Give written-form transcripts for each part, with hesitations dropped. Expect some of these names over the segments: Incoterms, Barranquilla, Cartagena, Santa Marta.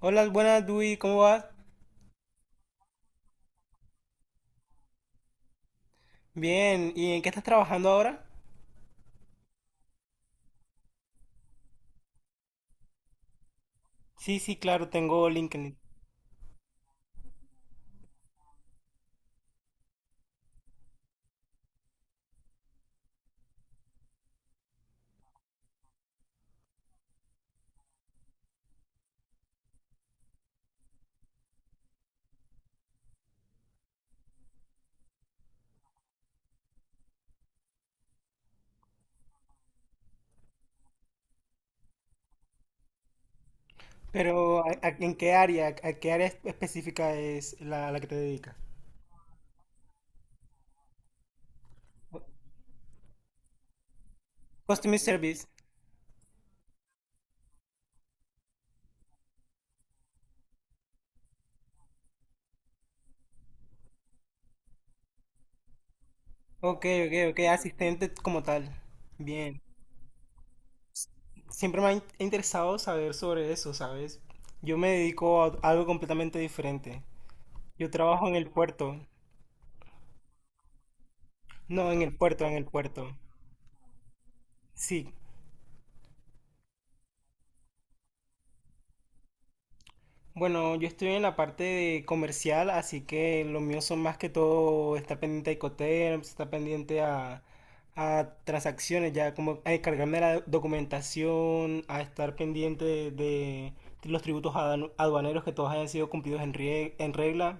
Hola, buenas, Dui, ¿cómo vas? Bien, ¿y en qué estás trabajando ahora? Sí, sí, claro, tengo LinkedIn. Pero, ¿en qué área? ¿A qué área específica es la que te dedicas? Customer Service. Ok, ok, ok, asistente como tal. Bien. Siempre me ha interesado saber sobre eso, ¿sabes? Yo me dedico a algo completamente diferente. Yo trabajo en el puerto. No, en el puerto, en el puerto. Sí. Bueno, yo estoy en la parte de comercial, así que lo mío son más que todo, está pendiente a Incoterms, está pendiente a transacciones, ya como a encargarme de la documentación, a estar pendiente de los tributos aduaneros que todos hayan sido cumplidos en regla.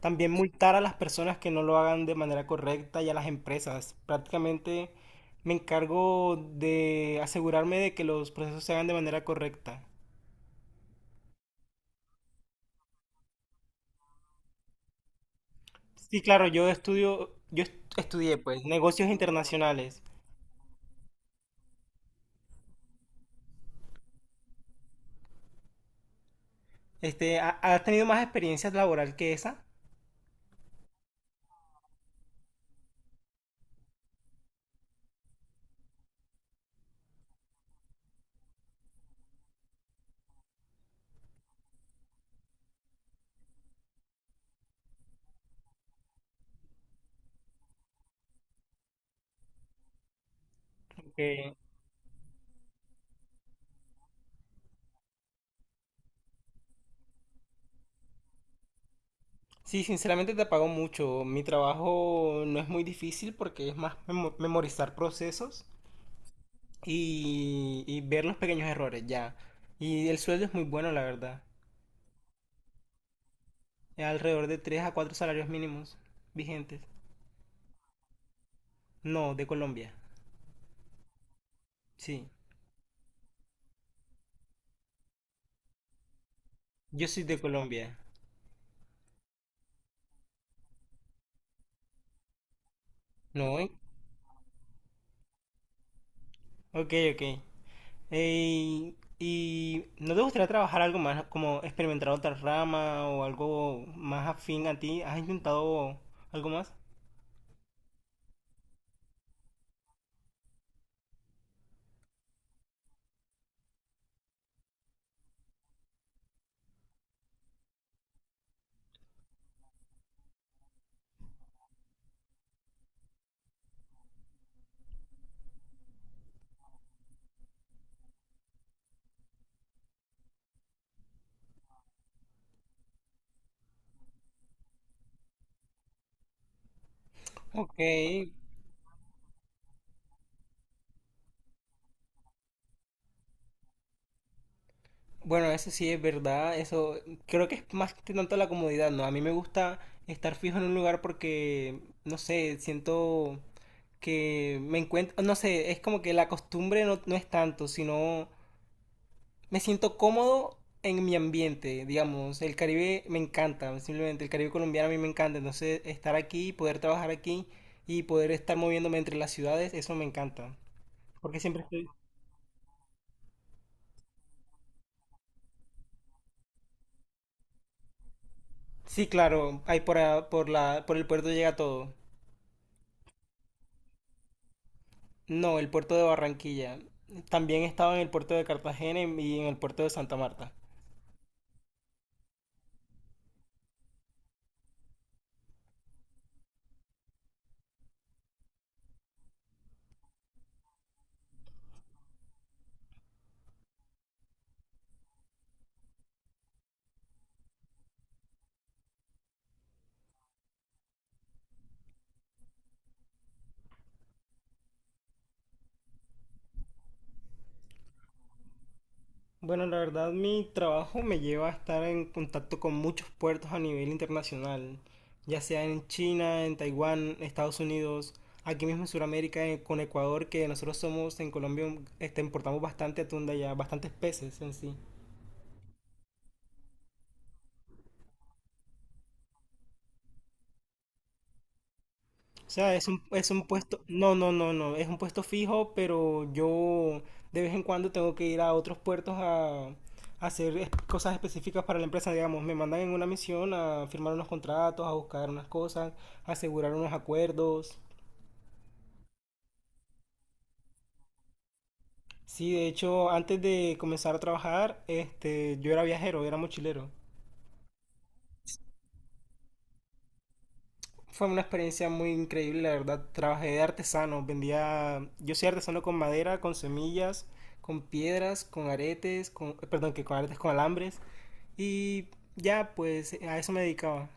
También multar a las personas que no lo hagan de manera correcta y a las empresas. Prácticamente me encargo de asegurarme de que los procesos se hagan de manera correcta. Sí, claro, yo estudié pues negocios internacionales. Este, ¿has tenido más experiencia laboral que esa? Porque sí, sinceramente te pago mucho. Mi trabajo no es muy difícil porque es más memorizar procesos y ver los pequeños errores ya. Y el sueldo es muy bueno, la verdad. Es alrededor de 3 a 4 salarios mínimos vigentes. No, de Colombia. Sí, yo soy de Colombia. No, ¿eh? Ok, ok. Eh, ¿Y no te gustaría trabajar algo más, como experimentar otra rama o algo más afín a ti? ¿Has intentado algo más? Ok, bueno, eso sí es verdad, eso creo que es más que tanto la comodidad, ¿no? A mí me gusta estar fijo en un lugar porque, no sé, siento que me encuentro, no sé, es como que la costumbre no es tanto, sino me siento cómodo en mi ambiente, digamos, el Caribe me encanta, simplemente el Caribe colombiano a mí me encanta, entonces estar aquí, poder trabajar aquí y poder estar moviéndome entre las ciudades, eso me encanta, porque siempre estoy. Sí, claro, ahí por, a- por la, por el puerto llega todo. No, el puerto de Barranquilla. También he estado en el puerto de Cartagena y en el puerto de Santa Marta. Bueno, la verdad mi trabajo me lleva a estar en contacto con muchos puertos a nivel internacional, ya sea en China, en Taiwán, Estados Unidos, aquí mismo en Sudamérica, con Ecuador, que nosotros somos en Colombia, importamos bastante atún de allá, bastantes peces en sí. O sea, es un puesto, no, no, no, no, es un puesto fijo, pero yo de vez en cuando tengo que ir a otros puertos a hacer cosas específicas para la empresa, digamos, me mandan en una misión a firmar unos contratos, a buscar unas cosas, a asegurar unos acuerdos. Sí, de hecho, antes de comenzar a trabajar, este, yo era viajero, era mochilero. Fue una experiencia muy increíble, la verdad. Trabajé de artesano, vendía, yo soy artesano con madera, con semillas, con piedras, con aretes, perdón, que con aretes, con alambres. Y ya, pues a eso me dedicaba.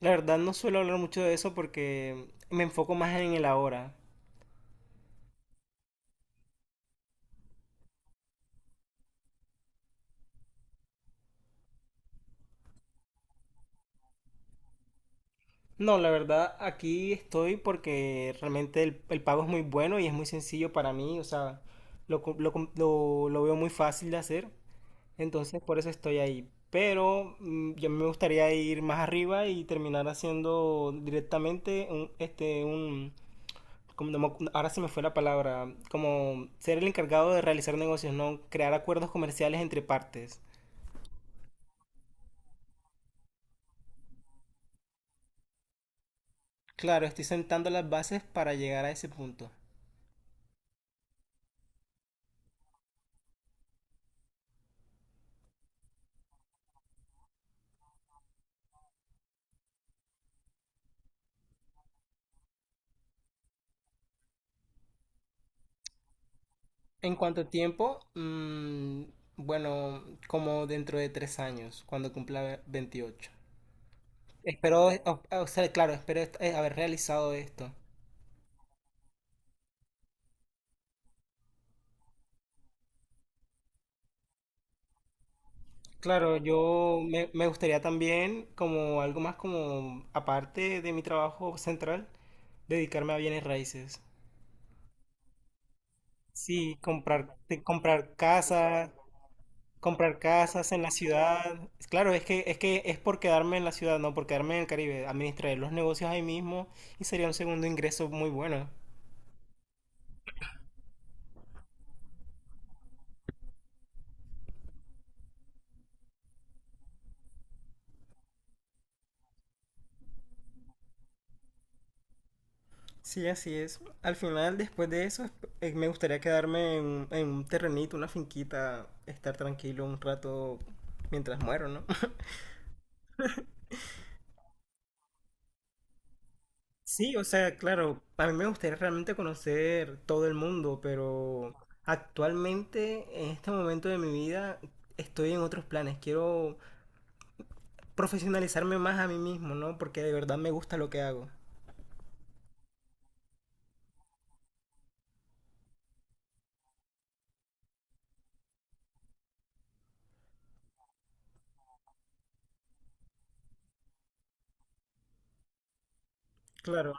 La verdad no suelo hablar mucho de eso porque me enfoco más en el ahora. No, la verdad aquí estoy porque realmente el pago es muy bueno y es muy sencillo para mí, o sea, lo, co- lo com- lo veo muy fácil de hacer. Entonces por eso estoy ahí. Pero yo me gustaría ir más arriba y terminar haciendo directamente un, como no ahora se me fue la palabra, como ser el encargado de realizar negocios, no crear acuerdos comerciales entre partes. Claro, estoy sentando las bases para llegar a ese punto. En cuanto a tiempo, bueno, como dentro de 3 años, cuando cumpla 28. Espero, o sea, claro, espero haber realizado esto. Claro, me gustaría también, como algo más como aparte de mi trabajo central, dedicarme a bienes raíces. Sí, comprar casas en la ciudad. Claro, es que es por quedarme en la ciudad, no por quedarme en el Caribe. Administrar los negocios ahí mismo y sería un segundo ingreso muy bueno. Sí, así es. Al final, después de eso, me gustaría quedarme en un terrenito, una finquita, estar tranquilo un rato mientras muero, ¿no? Sí, o sea, claro, a mí me gustaría realmente conocer todo el mundo, pero actualmente, en este momento de mi vida, estoy en otros planes. Quiero profesionalizarme más a mí mismo, ¿no? Porque de verdad me gusta lo que hago. Claro,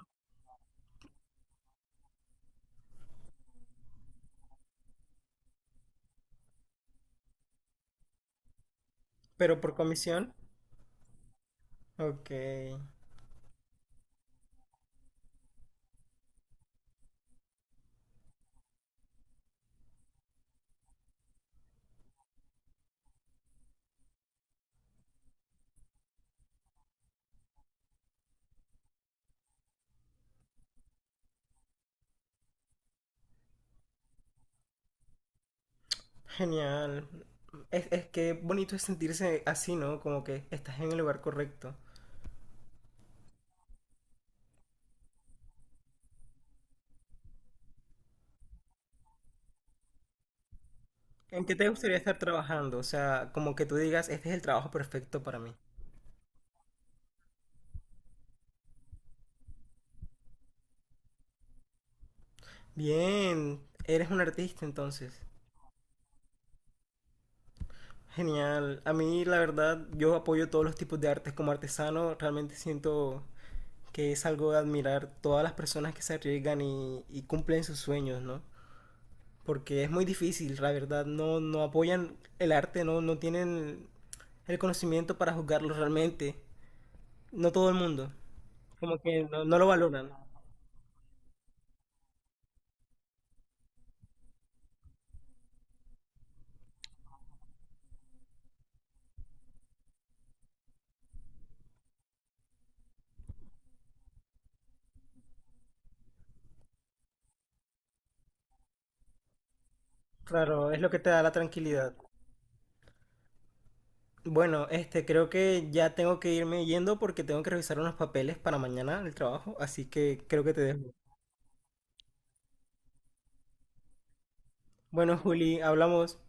pero por comisión. Ok, genial. Es que bonito es sentirse así, ¿no? Como que estás en el lugar correcto. ¿En qué te gustaría estar trabajando? O sea, como que tú digas, este es el trabajo perfecto para mí. Bien, eres un artista entonces. Genial. A mí, la verdad, yo apoyo todos los tipos de artes como artesano. Realmente siento que es algo de admirar todas las personas que se arriesgan y cumplen sus sueños, ¿no? Porque es muy difícil, la verdad. No apoyan el arte, no tienen el conocimiento para juzgarlo realmente. No todo el mundo. Como que no lo valoran. Claro, es lo que te da la tranquilidad. Bueno, este, creo que ya tengo que irme yendo porque tengo que revisar unos papeles para mañana el trabajo, así que creo que te dejo. Bueno, Juli, hablamos.